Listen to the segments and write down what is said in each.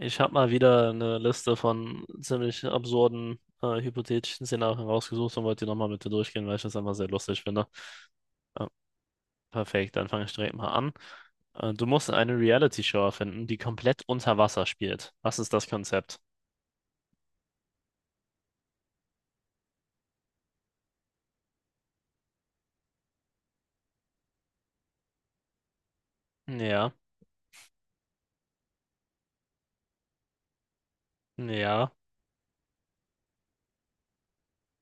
Ich habe mal wieder eine Liste von ziemlich absurden, hypothetischen Szenarien rausgesucht und wollte die nochmal mit dir durchgehen, weil ich das einfach sehr lustig finde. Ja, perfekt, dann fange ich direkt mal an. Du musst eine Reality-Show erfinden, die komplett unter Wasser spielt. Was ist das Konzept? Ja, ja,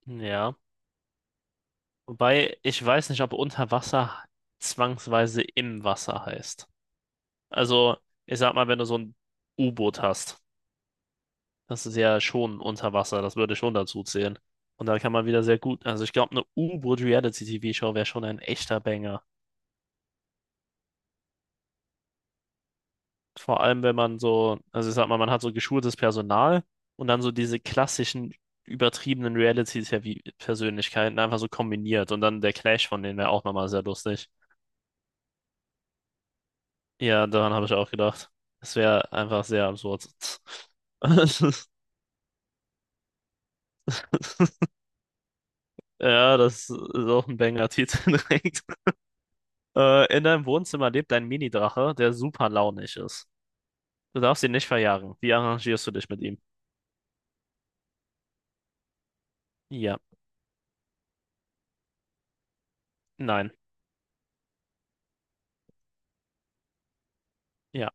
ja. Wobei ich weiß nicht, ob unter Wasser zwangsweise im Wasser heißt. Also, ich sag mal, wenn du so ein U-Boot hast. Das ist ja schon unter Wasser, das würde schon dazu zählen. Und da kann man wieder sehr gut, also ich glaube, eine U-Boot-Reality-TV-Show wäre schon ein echter Banger. Vor allem, wenn man so, also ich sag mal, man hat so geschultes Personal und dann so diese klassischen übertriebenen Reality-TV-Persönlichkeiten einfach so kombiniert und dann der Clash von denen wäre auch nochmal sehr lustig. Ja, daran habe ich auch gedacht. Das wäre einfach sehr absurd. Ja, das ist auch ein Banger-Titel direkt. In deinem Wohnzimmer lebt ein Mini-Drache, der super launig ist. Du darfst ihn nicht verjagen. Wie arrangierst du dich mit ihm? Ja, nein, ja.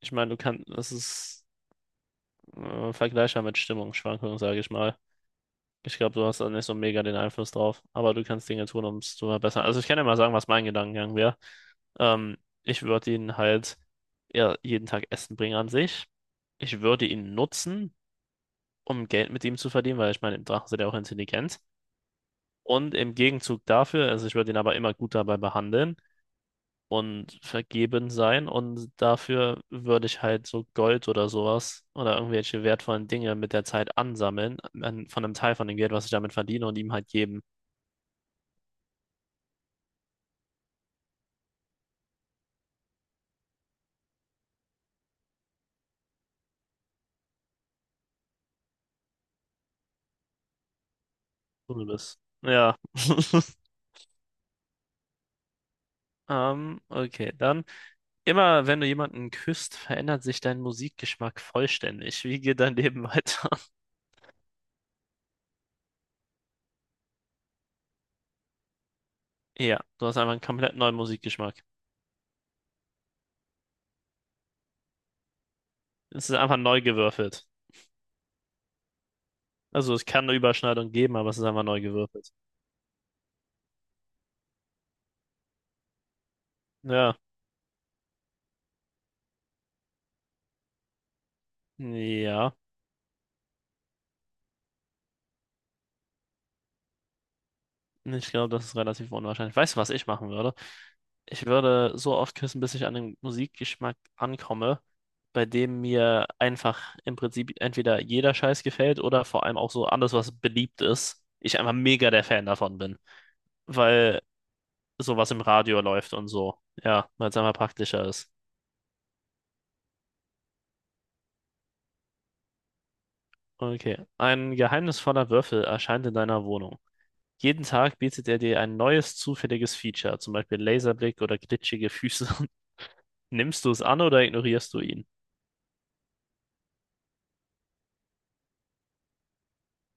Ich meine, du kannst, das ist vergleichbar mit Stimmungsschwankungen, sage ich mal. Ich glaube, du hast da nicht so mega den Einfluss drauf, aber du kannst Dinge tun, um es zu verbessern. Also ich kann dir mal sagen, was mein Gedankengang wäre. Ähm, ich würde ihn halt ja, jeden Tag Essen bringen an sich. Ich würde ihn nutzen, um Geld mit ihm zu verdienen, weil ich meine, Drachen sind ja auch intelligent. Und im Gegenzug dafür, also ich würde ihn aber immer gut dabei behandeln und vergeben sein. Und dafür würde ich halt so Gold oder sowas oder irgendwelche wertvollen Dinge mit der Zeit ansammeln, an, von einem Teil von dem Geld, was ich damit verdiene, und ihm halt geben. So das. Ja. Okay, dann. Immer wenn du jemanden küsst, verändert sich dein Musikgeschmack vollständig. Wie geht dein Leben weiter? Ja, du hast einfach einen komplett neuen Musikgeschmack. Es ist einfach neu gewürfelt. Also es kann eine Überschneidung geben, aber es ist einfach neu gewürfelt. Ja, ja. Ich glaube, das ist relativ unwahrscheinlich. Weißt du, was ich machen würde? Ich würde so oft küssen, bis ich an den Musikgeschmack ankomme, bei dem mir einfach im Prinzip entweder jeder Scheiß gefällt oder vor allem auch so alles, was beliebt ist. Ich einfach mega der Fan davon bin, weil sowas im Radio läuft und so. Ja, weil es einfach praktischer ist. Okay. Ein geheimnisvoller Würfel erscheint in deiner Wohnung. Jeden Tag bietet er dir ein neues zufälliges Feature, zum Beispiel Laserblick oder glitschige Füße. Nimmst du es an oder ignorierst du ihn?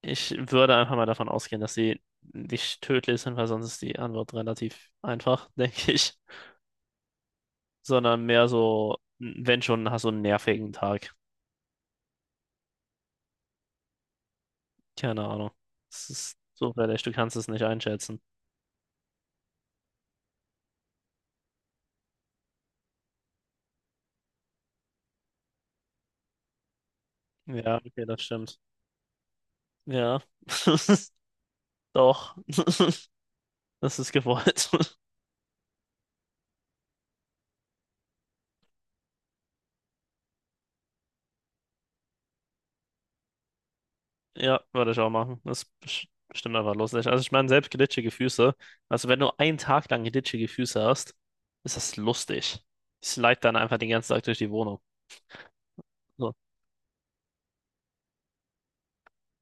Ich würde einfach mal davon ausgehen, dass sie nicht tödlich sind, weil sonst ist die Antwort relativ einfach, denke ich. Sondern mehr so, wenn schon, hast du einen nervigen Tag. Keine Ahnung. Es ist zufällig, du kannst es nicht einschätzen. Ja, okay, das stimmt. Ja, doch, das ist gewollt. Ja, würde ich auch machen. Das ist bestimmt einfach lustig. Also ich meine, selbst glitschige Füße. Also wenn du einen Tag lang glitschige Füße hast, ist das lustig. Ich slide dann einfach den ganzen Tag durch die Wohnung. So.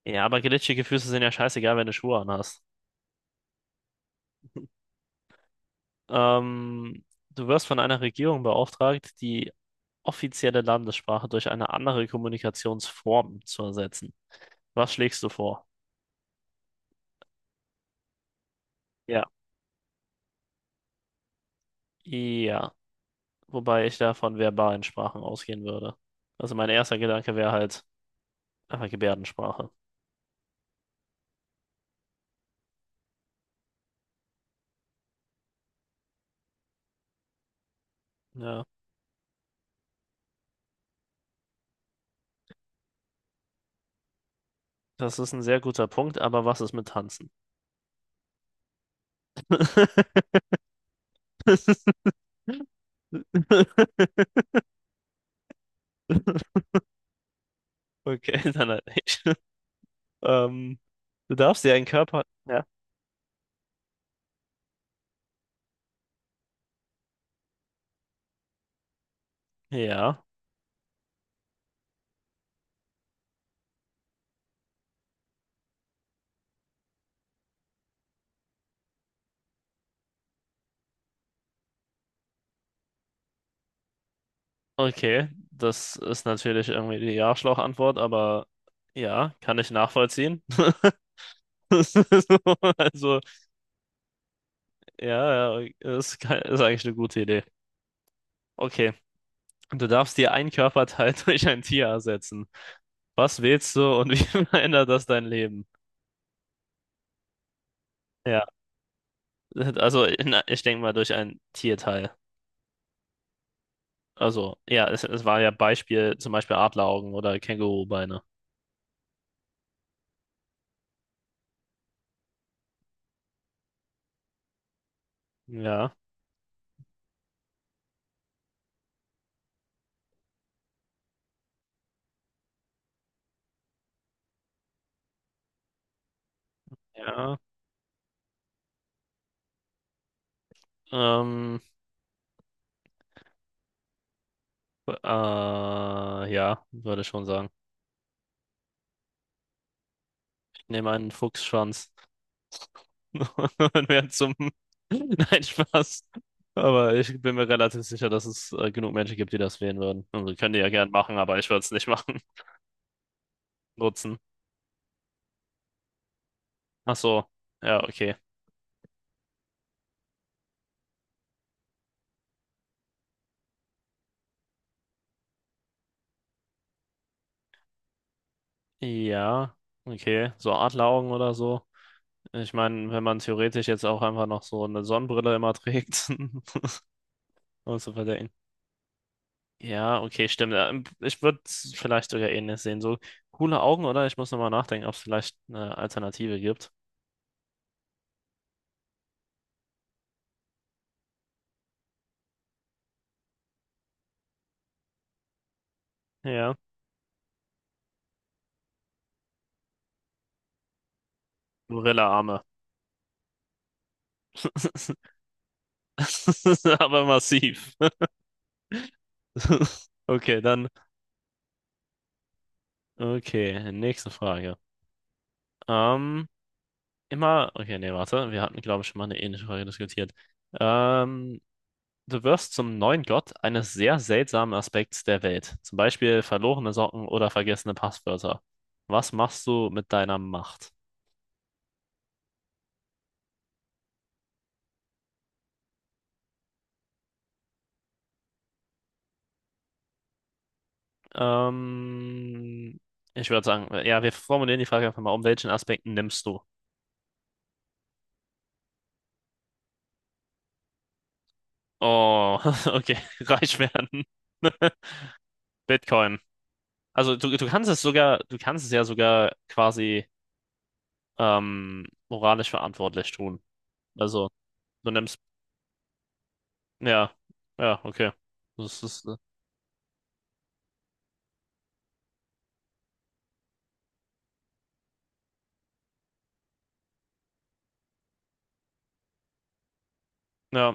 Ja, aber glitschige Füße sind ja scheißegal, wenn du Schuhe anhast. Ähm, du wirst von einer Regierung beauftragt, die offizielle Landessprache durch eine andere Kommunikationsform zu ersetzen. Was schlägst du vor? Ja. Ja, wobei ich da von verbalen Sprachen ausgehen würde. Also mein erster Gedanke wäre halt Ah, Gebärdensprache. Ja, das ist ein sehr guter Punkt, aber was ist mit Tanzen? Okay, dann halt nicht. Ähm, du darfst dir einen Körper. Ja. Ja, okay. Das ist natürlich irgendwie die Arschloch-Antwort, aber ja, kann ich nachvollziehen. Das ist so, also, ja, ja, ist, ist eigentlich eine gute Idee. Okay, du darfst dir einen Körperteil durch ein Tier ersetzen. Was wählst du und wie verändert das dein Leben? Ja, also na, ich denke mal durch ein Tierteil. Also, ja, es war ja Beispiel, zum Beispiel Adleraugen oder Kängurubeine. Ja, ja. Ähm, ja, würde ich schon sagen. Ich nehme einen Fuchsschwanz und werde zum. Nein, Spaß. Aber ich bin mir relativ sicher, dass es genug Menschen gibt, die das wählen würden. Also, könnt ihr ja gern machen, aber ich würde es nicht machen. Nutzen. Ach so. Ja, okay. Ja, okay. So Adleraugen oder so. Ich meine, wenn man theoretisch jetzt auch einfach noch so eine Sonnenbrille immer trägt und so weiter. Ja, okay, stimmt. Ja, ich würde vielleicht sogar ähnlich sehen. So coole Augen, oder? Ich muss nochmal nachdenken, ob es vielleicht eine Alternative gibt. Ja. Gorilla-Arme. Aber massiv. Okay, dann. Okay, nächste Frage. Ähm, immer. Okay, nee, warte. Wir hatten, glaube ich, schon mal eine ähnliche Frage diskutiert. Ähm, Du wirst zum neuen Gott eines sehr seltsamen Aspekts der Welt, zum Beispiel verlorene Socken oder vergessene Passwörter. Was machst du mit deiner Macht? Ähm, ich würde sagen, ja, wir formulieren die Frage einfach mal, um welchen Aspekten nimmst du? Oh, okay, reich werden. Bitcoin. Also du kannst es sogar, du kannst es ja sogar quasi moralisch verantwortlich tun. Also du nimmst, ja, ja, okay. Das ist, ja.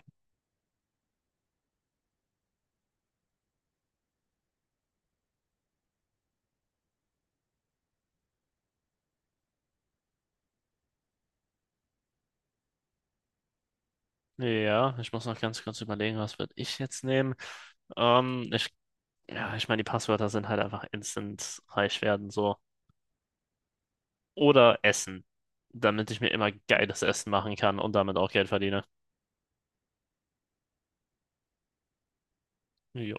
Ja, ich muss noch ganz kurz überlegen, was würde ich jetzt nehmen. Ähm, ich, ja, ich meine, die Passwörter sind halt einfach instant reich werden, so. Oder Essen, damit ich mir immer geiles Essen machen kann und damit auch Geld verdiene. Jo.